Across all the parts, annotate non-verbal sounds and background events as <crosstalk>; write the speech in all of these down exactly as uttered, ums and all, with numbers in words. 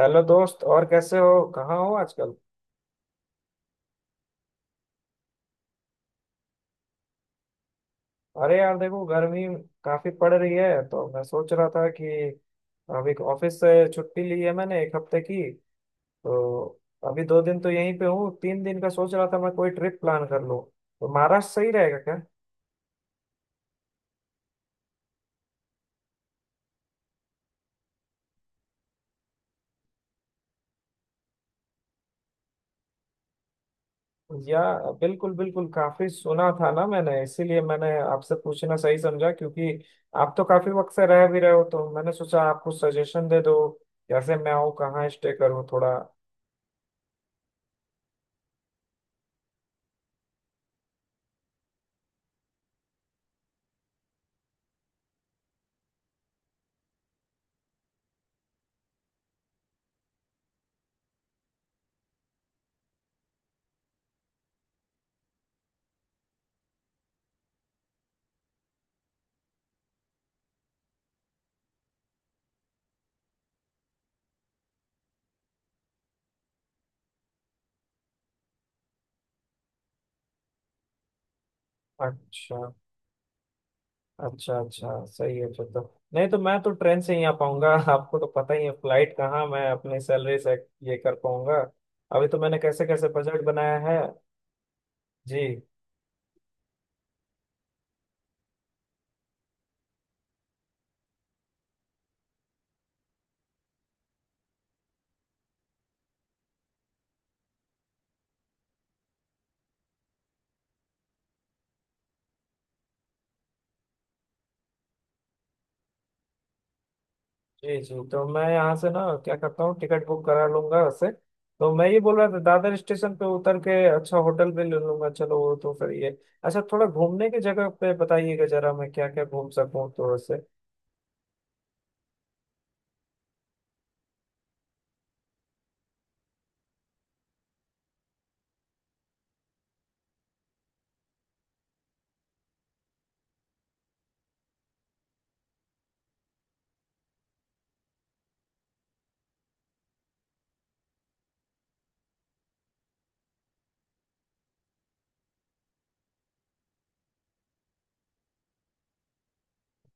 Hello दोस्त। और कैसे हो, कहाँ हो आजकल? अरे यार, देखो गर्मी काफी पड़ रही है, तो मैं सोच रहा था कि अभी ऑफिस से छुट्टी ली है मैंने, एक हफ्ते की। तो अभी दो दिन तो यहीं पे हूँ, तीन दिन का सोच रहा था मैं कोई ट्रिप प्लान कर लूँ। तो महाराष्ट्र सही रहेगा क्या? या बिल्कुल बिल्कुल, काफी सुना था ना मैंने, इसीलिए मैंने आपसे पूछना सही समझा। क्योंकि आप तो काफी वक्त से रह भी रहे हो, तो मैंने सोचा आप कुछ सजेशन दे दो कैसे मैं आऊँ, कहाँ स्टे करूँ थोड़ा। अच्छा। अच्छा अच्छा, सही है फिर तो। नहीं तो मैं तो ट्रेन से ही आ पाऊंगा <laughs> आपको तो पता ही है, फ्लाइट कहाँ मैं अपने सैलरी से ये कर पाऊंगा। अभी तो मैंने कैसे कैसे बजट बनाया है। जी। जी जी, तो मैं यहाँ से ना क्या करता हूँ, टिकट बुक करा लूंगा उससे। तो मैं ये बोल रहा था दादर स्टेशन पे उतर के अच्छा होटल भी ले लूंगा, चलो वो तो फिर ये। अच्छा, थोड़ा घूमने की जगह पे बताइएगा जरा, मैं क्या क्या घूम सकूँ थोड़ा से।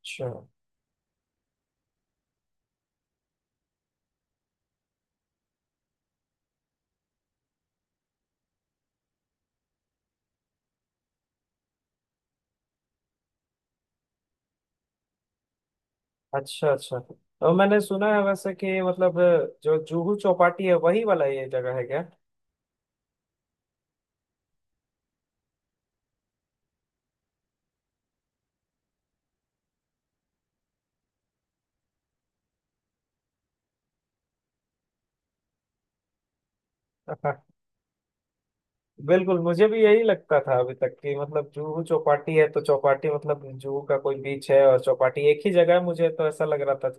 अच्छा अच्छा। अच्छा, तो मैंने सुना है वैसे कि मतलब जो जूहू चौपाटी है, वही वाला ये जगह है क्या? <laughs> हाँ, बिल्कुल। मुझे भी यही लगता था अभी तक कि मतलब जुहू चौपाटी है, तो चौपाटी मतलब जुहू का कोई बीच है, और चौपाटी एक ही जगह है, मुझे तो ऐसा लग रहा था।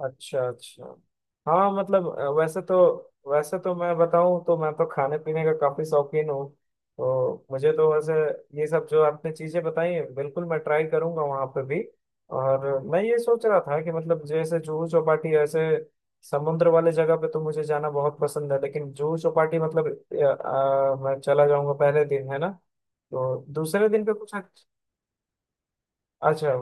अच्छा अच्छा। हाँ, मतलब अ, वैसे तो, वैसे तो मैं बताऊं तो मैं तो खाने पीने का काफी शौकीन हूँ। तो मुझे तो वैसे ये सब जो आपने चीजें बताई हैं बिल्कुल मैं ट्राई करूंगा वहां पे भी। और मैं ये सोच रहा था कि मतलब जैसे जुहू चौपाटी, ऐसे समुद्र वाले जगह पे तो मुझे जाना बहुत पसंद है। लेकिन जुहू चौपाटी मतलब अ, अ, मैं चला जाऊंगा पहले दिन है ना, तो दूसरे दिन पे कुछ अच्छा। अच्छा।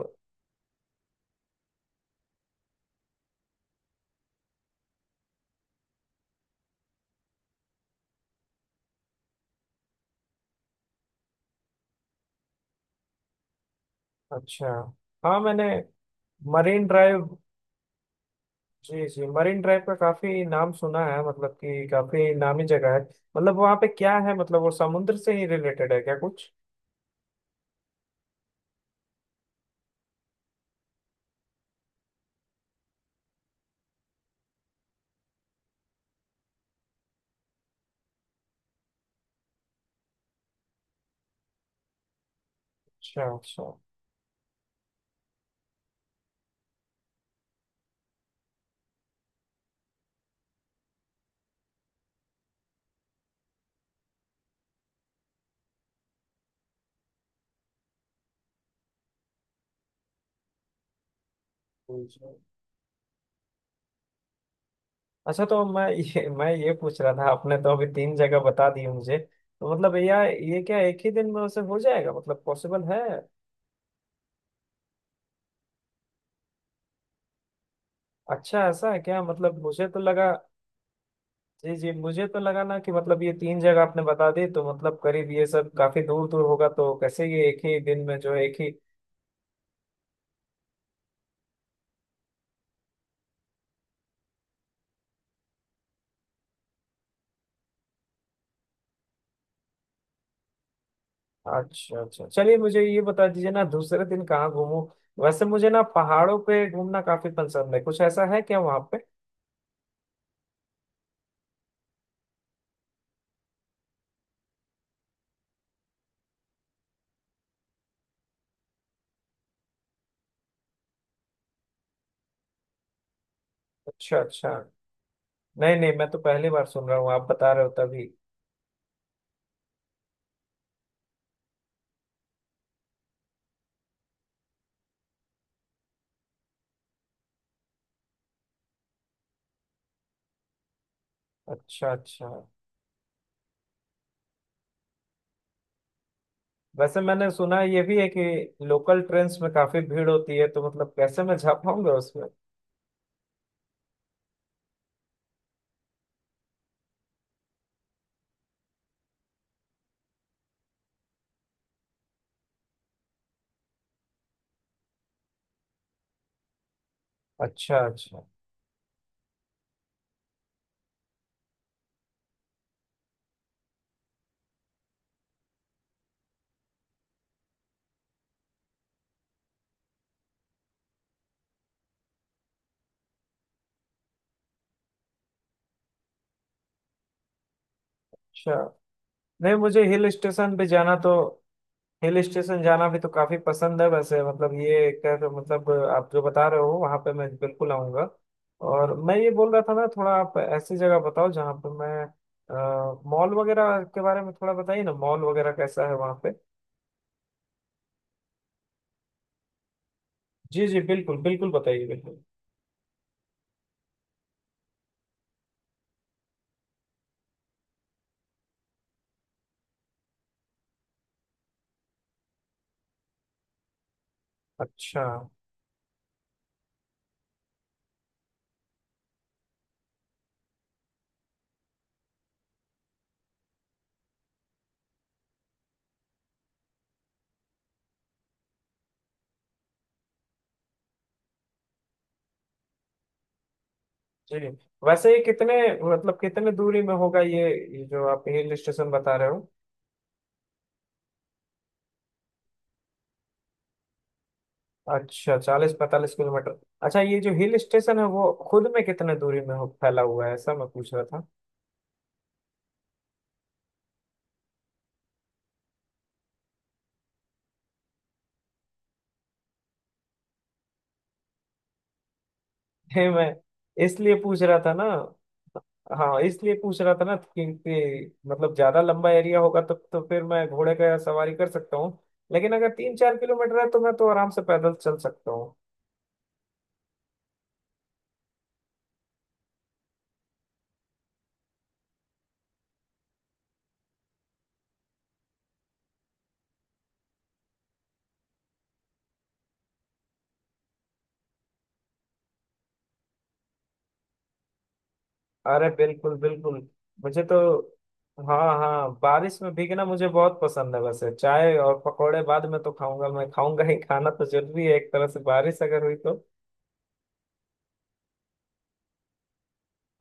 अच्छा हाँ मैंने, मरीन ड्राइव। जी जी, मरीन ड्राइव का काफी नाम सुना है, मतलब कि काफी नामी जगह है। मतलब वहाँ पे क्या है, मतलब वो समुद्र से ही रिलेटेड है क्या कुछ? अच्छा अच्छा अच्छा। अच्छा, तो मैं ये, मैं ये पूछ रहा था, आपने तो अभी तीन जगह बता दी मुझे। तो मतलब या ये क्या एक ही दिन में उसे हो जाएगा, मतलब पॉसिबल है? अच्छा, ऐसा है क्या? मतलब मुझे तो लगा। जी जी, मुझे तो लगा ना कि मतलब ये तीन जगह आपने बता दी, तो मतलब करीब ये सब काफी दूर दूर होगा, तो कैसे ये एक ही दिन में जो है, एक ही। अच्छा अच्छा, चलिए मुझे ये बता दीजिए ना, दूसरे दिन कहाँ घूमूं? वैसे मुझे ना पहाड़ों पे घूमना काफी पसंद है। कुछ ऐसा है क्या वहाँ पे? अच्छा अच्छा। नहीं नहीं, मैं तो पहली बार सुन रहा हूँ, आप बता रहे हो तभी। अच्छा अच्छा। वैसे मैंने सुना ये भी है कि लोकल ट्रेन्स में काफी भीड़ होती है, तो मतलब कैसे मैं जा पाऊंगा उसमें? अच्छा अच्छा। अच्छा, नहीं मुझे हिल स्टेशन पे जाना तो, हिल स्टेशन जाना भी तो काफी पसंद है वैसे। मतलब ये एक तरह से, मतलब आप जो बता रहे हो वहां पे मैं बिल्कुल आऊंगा। और मैं ये बोल रहा था ना, थोड़ा आप ऐसी जगह बताओ जहाँ पे मैं, मॉल वगैरह के बारे में थोड़ा बताइए ना। मॉल वगैरह कैसा है वहाँ पे? जी जी, बिल्कुल बिल्कुल, बताइए बिल्कुल। अच्छा। जी, वैसे ये कितने, मतलब कितने दूरी में होगा ये ये जो आप हिल स्टेशन बता रहे हो? अच्छा, चालीस पैंतालीस किलोमीटर। अच्छा, ये जो हिल स्टेशन है वो खुद में कितने दूरी में हो- फैला हुआ है, ऐसा मैं पूछ रहा था। है, मैं इसलिए पूछ रहा था ना। हाँ, इसलिए पूछ रहा था ना क्योंकि मतलब ज्यादा लंबा एरिया होगा तब तो, फिर मैं घोड़े का सवारी कर सकता हूँ। लेकिन अगर तीन चार किलोमीटर है तो मैं तो आराम से पैदल चल सकता हूँ। अरे बिल्कुल बिल्कुल, मुझे तो, हाँ हाँ, बारिश में भीगना मुझे बहुत पसंद है वैसे। चाय और पकौड़े बाद में तो खाऊंगा, मैं खाऊंगा ही, खाना तो जरूरी है एक तरह से बारिश अगर हुई तो।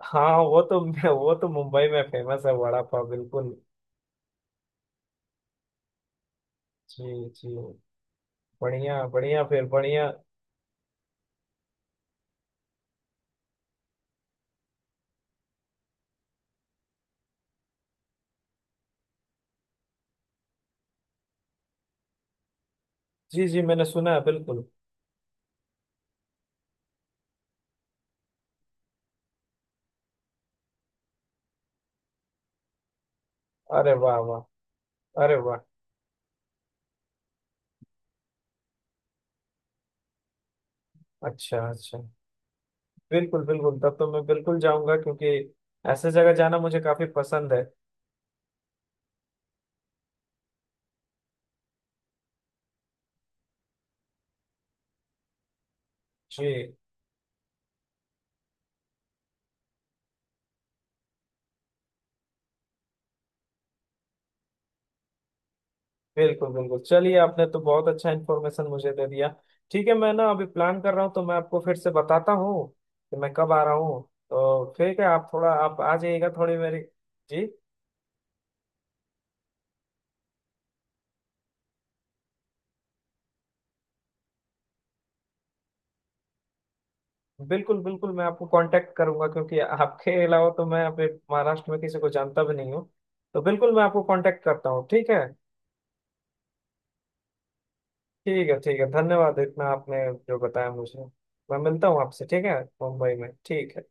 हाँ वो तो, वो तो मुंबई में फेमस है वड़ा पाव, बिल्कुल। जी। जी। बढ़िया बढ़िया, फिर बढ़िया। जी जी, मैंने सुना है बिल्कुल। अरे वाह वाह। अरे वाह। अच्छा अच्छा, बिल्कुल बिल्कुल, तब तो मैं बिल्कुल जाऊंगा, क्योंकि ऐसे जगह जाना मुझे काफी पसंद है। जी। बिल्कुल बिल्कुल, चलिए आपने तो बहुत अच्छा इन्फॉर्मेशन मुझे दे दिया। ठीक है, मैं ना अभी प्लान कर रहा हूँ, तो मैं आपको फिर से बताता हूँ कि मैं कब आ रहा हूँ। तो ठीक है, आप थोड़ा आप आ जाइएगा थोड़ी मेरी। जी। बिल्कुल बिल्कुल, मैं आपको कांटेक्ट करूंगा, क्योंकि आपके अलावा तो मैं अपने महाराष्ट्र में किसी को जानता भी नहीं हूँ। तो बिल्कुल मैं आपको कांटेक्ट करता हूँ, ठीक है। ठीक है ठीक है, धन्यवाद इतना आपने जो बताया मुझे। मैं मिलता हूँ आपसे, ठीक है, मुंबई में, ठीक है।